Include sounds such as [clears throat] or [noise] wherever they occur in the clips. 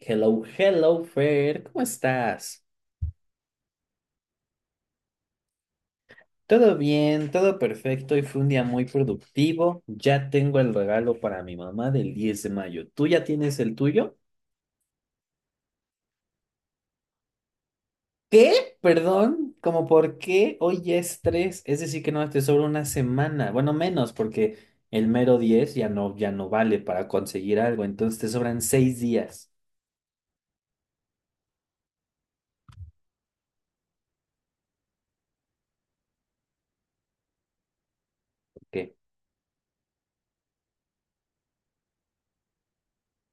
Hello, hello, Fer, ¿cómo estás? Todo bien, todo perfecto y fue un día muy productivo. Ya tengo el regalo para mi mamá del 10 de mayo. ¿Tú ya tienes el tuyo? ¿Qué? Perdón, ¿cómo por qué? Hoy ya es 3. Es decir que no, te sobra una semana. Bueno, menos porque el mero 10 ya no, vale para conseguir algo, entonces te sobran 6 días. ¿Qué?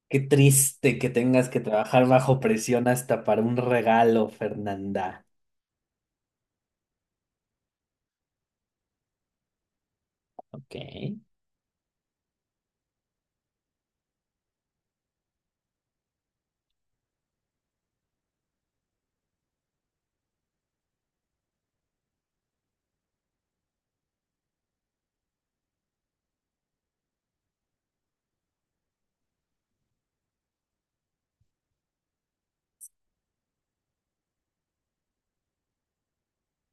Qué triste que tengas que trabajar bajo presión hasta para un regalo, Fernanda. Ok.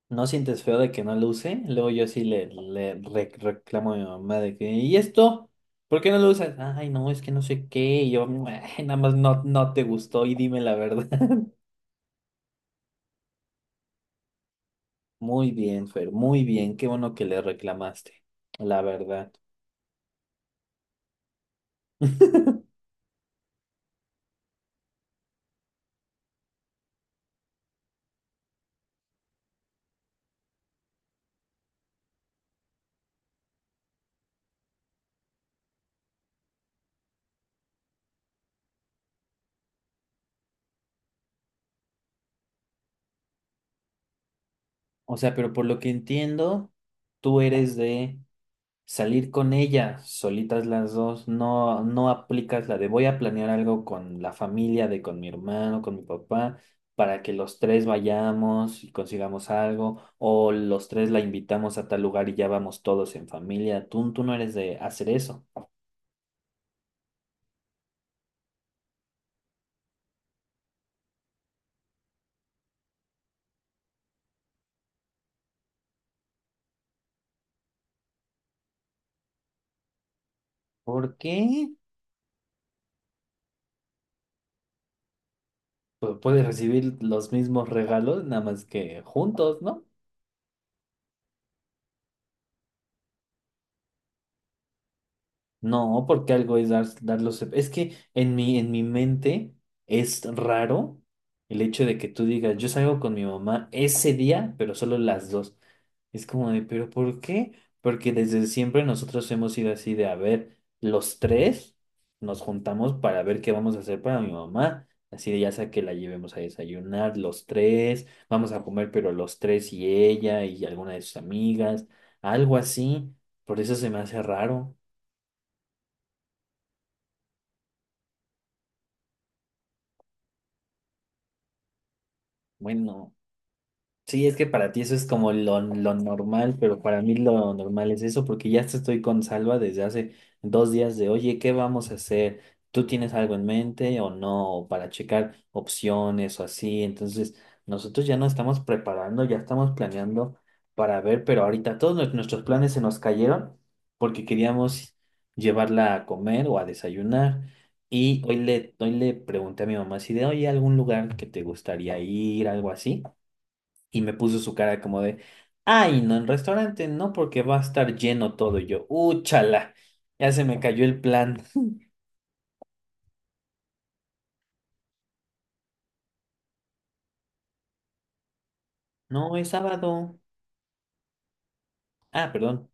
¿No sientes feo de que no lo use? Luego yo sí le reclamo a mi mamá de que, ¿y esto? ¿Por qué no lo usas? Ay, no, es que no sé qué. Y yo, "Ay, nada más no, no te gustó y dime la verdad." [laughs] Muy bien, Fer, muy bien. Qué bueno que le reclamaste, la verdad. [laughs] O sea, pero por lo que entiendo, tú eres de salir con ella, solitas las dos, no, no aplicas la de voy a planear algo con la familia, de con mi hermano, con mi papá, para que los tres vayamos y consigamos algo, o los tres la invitamos a tal lugar y ya vamos todos en familia. Tú no eres de hacer eso. ¿Por qué? Pues puedes recibir los mismos regalos, nada más que juntos, ¿no? No, porque algo es dar los. Es que en mi mente es raro el hecho de que tú digas, yo salgo con mi mamá ese día, pero solo las dos. Es como de, ¿pero por qué? Porque desde siempre nosotros hemos sido así de, a ver, los tres nos juntamos para ver qué vamos a hacer para mi mamá. Así de, ya sea que la llevemos a desayunar, los tres, vamos a comer, pero los tres y ella y alguna de sus amigas, algo así. Por eso se me hace raro. Bueno, sí, es que para ti eso es como lo normal, pero para mí lo normal es eso, porque ya te estoy con Salva desde hace 2 días de, oye, ¿qué vamos a hacer? ¿Tú tienes algo en mente o no? O para checar opciones o así. Entonces, nosotros ya nos estamos preparando, ya estamos planeando para ver, pero ahorita todos nuestros planes se nos cayeron porque queríamos llevarla a comer o a desayunar. Y hoy le pregunté a mi mamá si de, oye, algún lugar que te gustaría ir, algo así. Y me puso su cara como de, ay, no, en restaurante no, porque va a estar lleno todo. Y yo, úchala, ya se me cayó el plan. No, es sábado. Ah, perdón,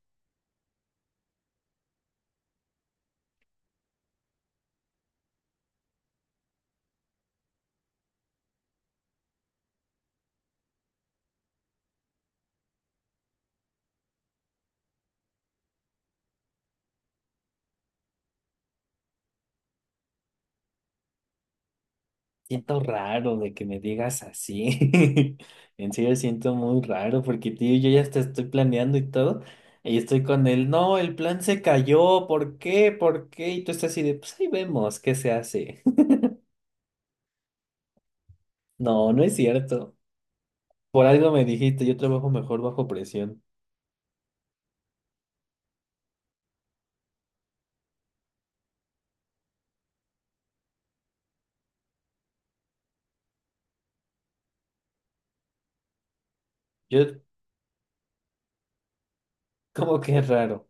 siento raro de que me digas así. [laughs] En serio, siento muy raro porque, tío, yo ya hasta estoy planeando y todo. Y estoy con él, no, el plan se cayó, ¿por qué? ¿Por qué? Y tú estás así de, pues ahí vemos, ¿qué se hace? [laughs] No, no es cierto. Por algo me dijiste, yo trabajo mejor bajo presión. Yo, como que es raro.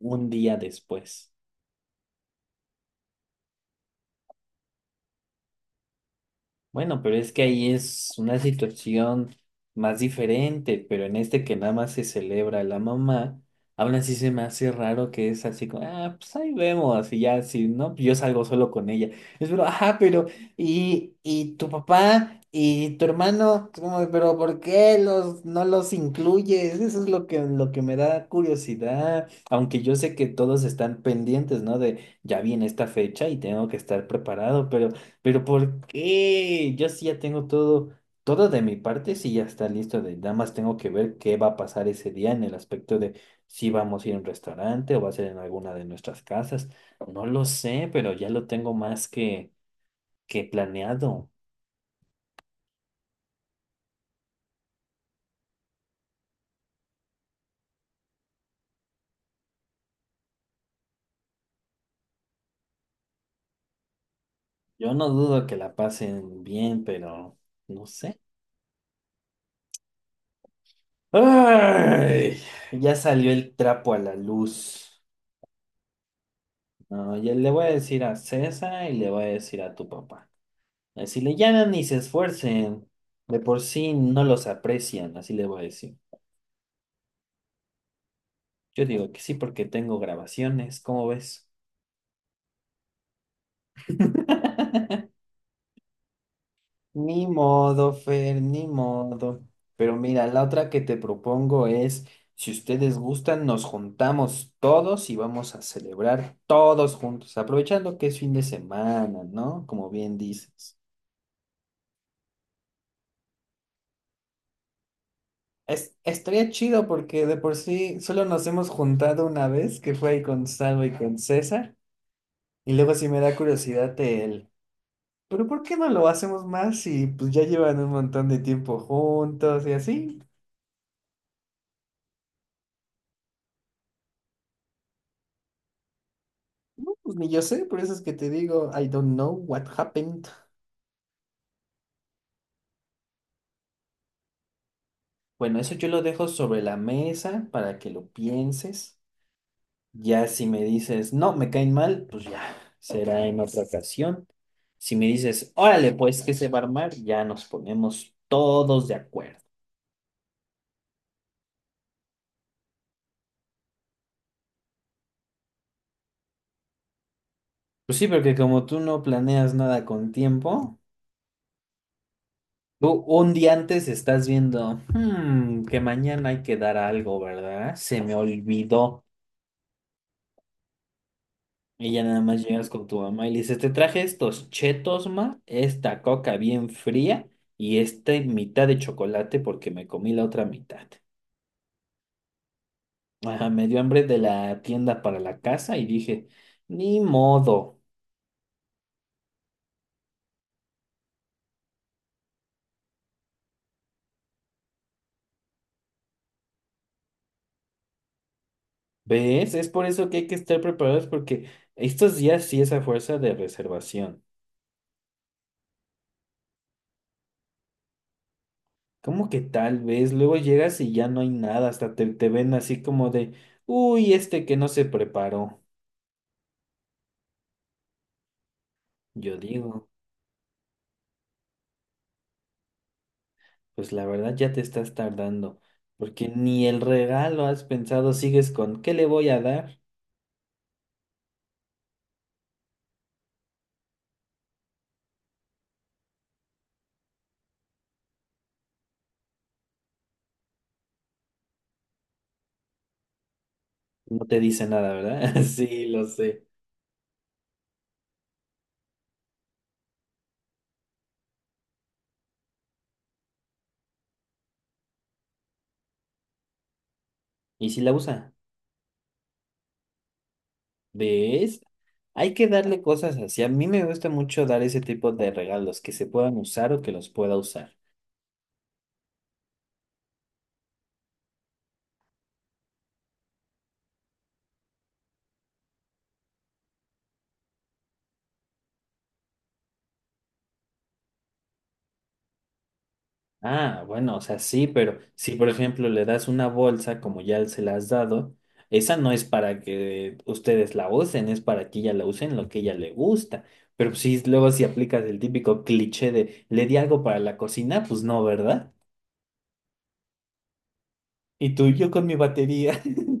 Un día después. Bueno, pero es que ahí es una situación más diferente, pero en este que nada más se celebra la mamá, aún así se me hace raro que es así como, ah, pues ahí vemos, y ya, si no, pues yo salgo solo con ella. Es pero, ajá, pero, y tu papá y tu hermano, como, pero ¿por qué no los incluyes? Eso es lo que me da curiosidad, aunque yo sé que todos están pendientes, ¿no? De ya viene esta fecha y tengo que estar preparado, pero. Pero ¿por qué? Yo sí ya tengo todo, todo de mi parte, sí ya está listo de, nada más tengo que ver qué va a pasar ese día en el aspecto de si vamos a ir a un restaurante o va a ser en alguna de nuestras casas. No lo sé, pero ya lo tengo más que planeado. Yo no dudo que la pasen bien, pero no sé. ¡Ay! Ya salió el trapo a la luz. No, ya le voy a decir a César y le voy a decir a tu papá. Así le llaman y se esfuercen. De por sí no los aprecian, así le voy a decir. Yo digo que sí porque tengo grabaciones, ¿cómo ves? [laughs] Ni modo, Fer, ni modo. Pero mira, la otra que te propongo es, si ustedes gustan, nos juntamos todos y vamos a celebrar todos juntos, aprovechando que es fin de semana, ¿no? Como bien dices. Estaría chido porque de por sí solo nos hemos juntado una vez, que fue ahí con Salvo y con César. Y luego sí me da curiosidad el, pero ¿por qué no lo hacemos más si pues ya llevan un montón de tiempo juntos y así? No, pues ni yo sé, por eso es que te digo, I don't know what happened. Bueno, eso yo lo dejo sobre la mesa para que lo pienses. Ya si me dices, no, me caen mal, pues ya, será en otra ocasión. Si me dices, órale, pues que se va a armar, ya nos ponemos todos de acuerdo. Pues sí, porque como tú no planeas nada con tiempo. Tú un día antes estás viendo, que mañana hay que dar algo, ¿verdad? Se me olvidó." Y ya nada más llegas con tu mamá y le dices, te traje estos chetos, ma, esta coca bien fría y esta mitad de chocolate porque me comí la otra mitad. Ajá, me dio hambre de la tienda para la casa y dije, ni modo. ¿Ves? Es por eso que hay que estar preparados porque estos días sí es a fuerza de reservación. ¿Como que tal vez? Luego llegas y ya no hay nada, hasta te ven así como de, uy, este que no se preparó. Yo digo, pues la verdad ya te estás tardando, porque ni el regalo has pensado, sigues con, ¿qué le voy a dar? No te dice nada, ¿verdad? [laughs] Sí, lo sé. ¿Y si la usa? ¿Ves? Hay que darle cosas así. A mí me gusta mucho dar ese tipo de regalos, que se puedan usar o que los pueda usar. Ah, bueno, o sea, sí, pero si por ejemplo le das una bolsa como ya se la has dado, esa no es para que ustedes la usen, es para que ella la use en lo que ella le gusta. Pero si luego si aplicas el típico cliché de le di algo para la cocina, pues no, ¿verdad? Y tú, yo con mi batería, [laughs]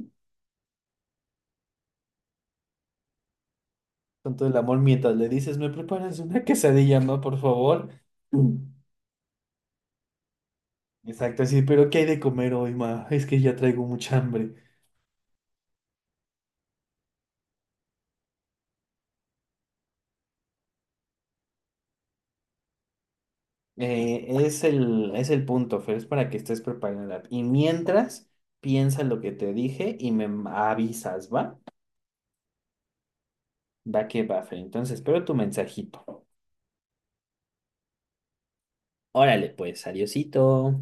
con todo el amor, mientras le dices, ¿me preparas una quesadilla, ma, por favor? [clears throat] Mm. Exacto, sí, pero ¿qué hay de comer hoy, ma? Es que ya traigo mucha hambre. Es el punto, Fer, es para que estés preparada. Y mientras, piensa lo que te dije y me avisas, ¿va? Va que va, Fer. Entonces, espero tu mensajito. Órale, pues, adiosito.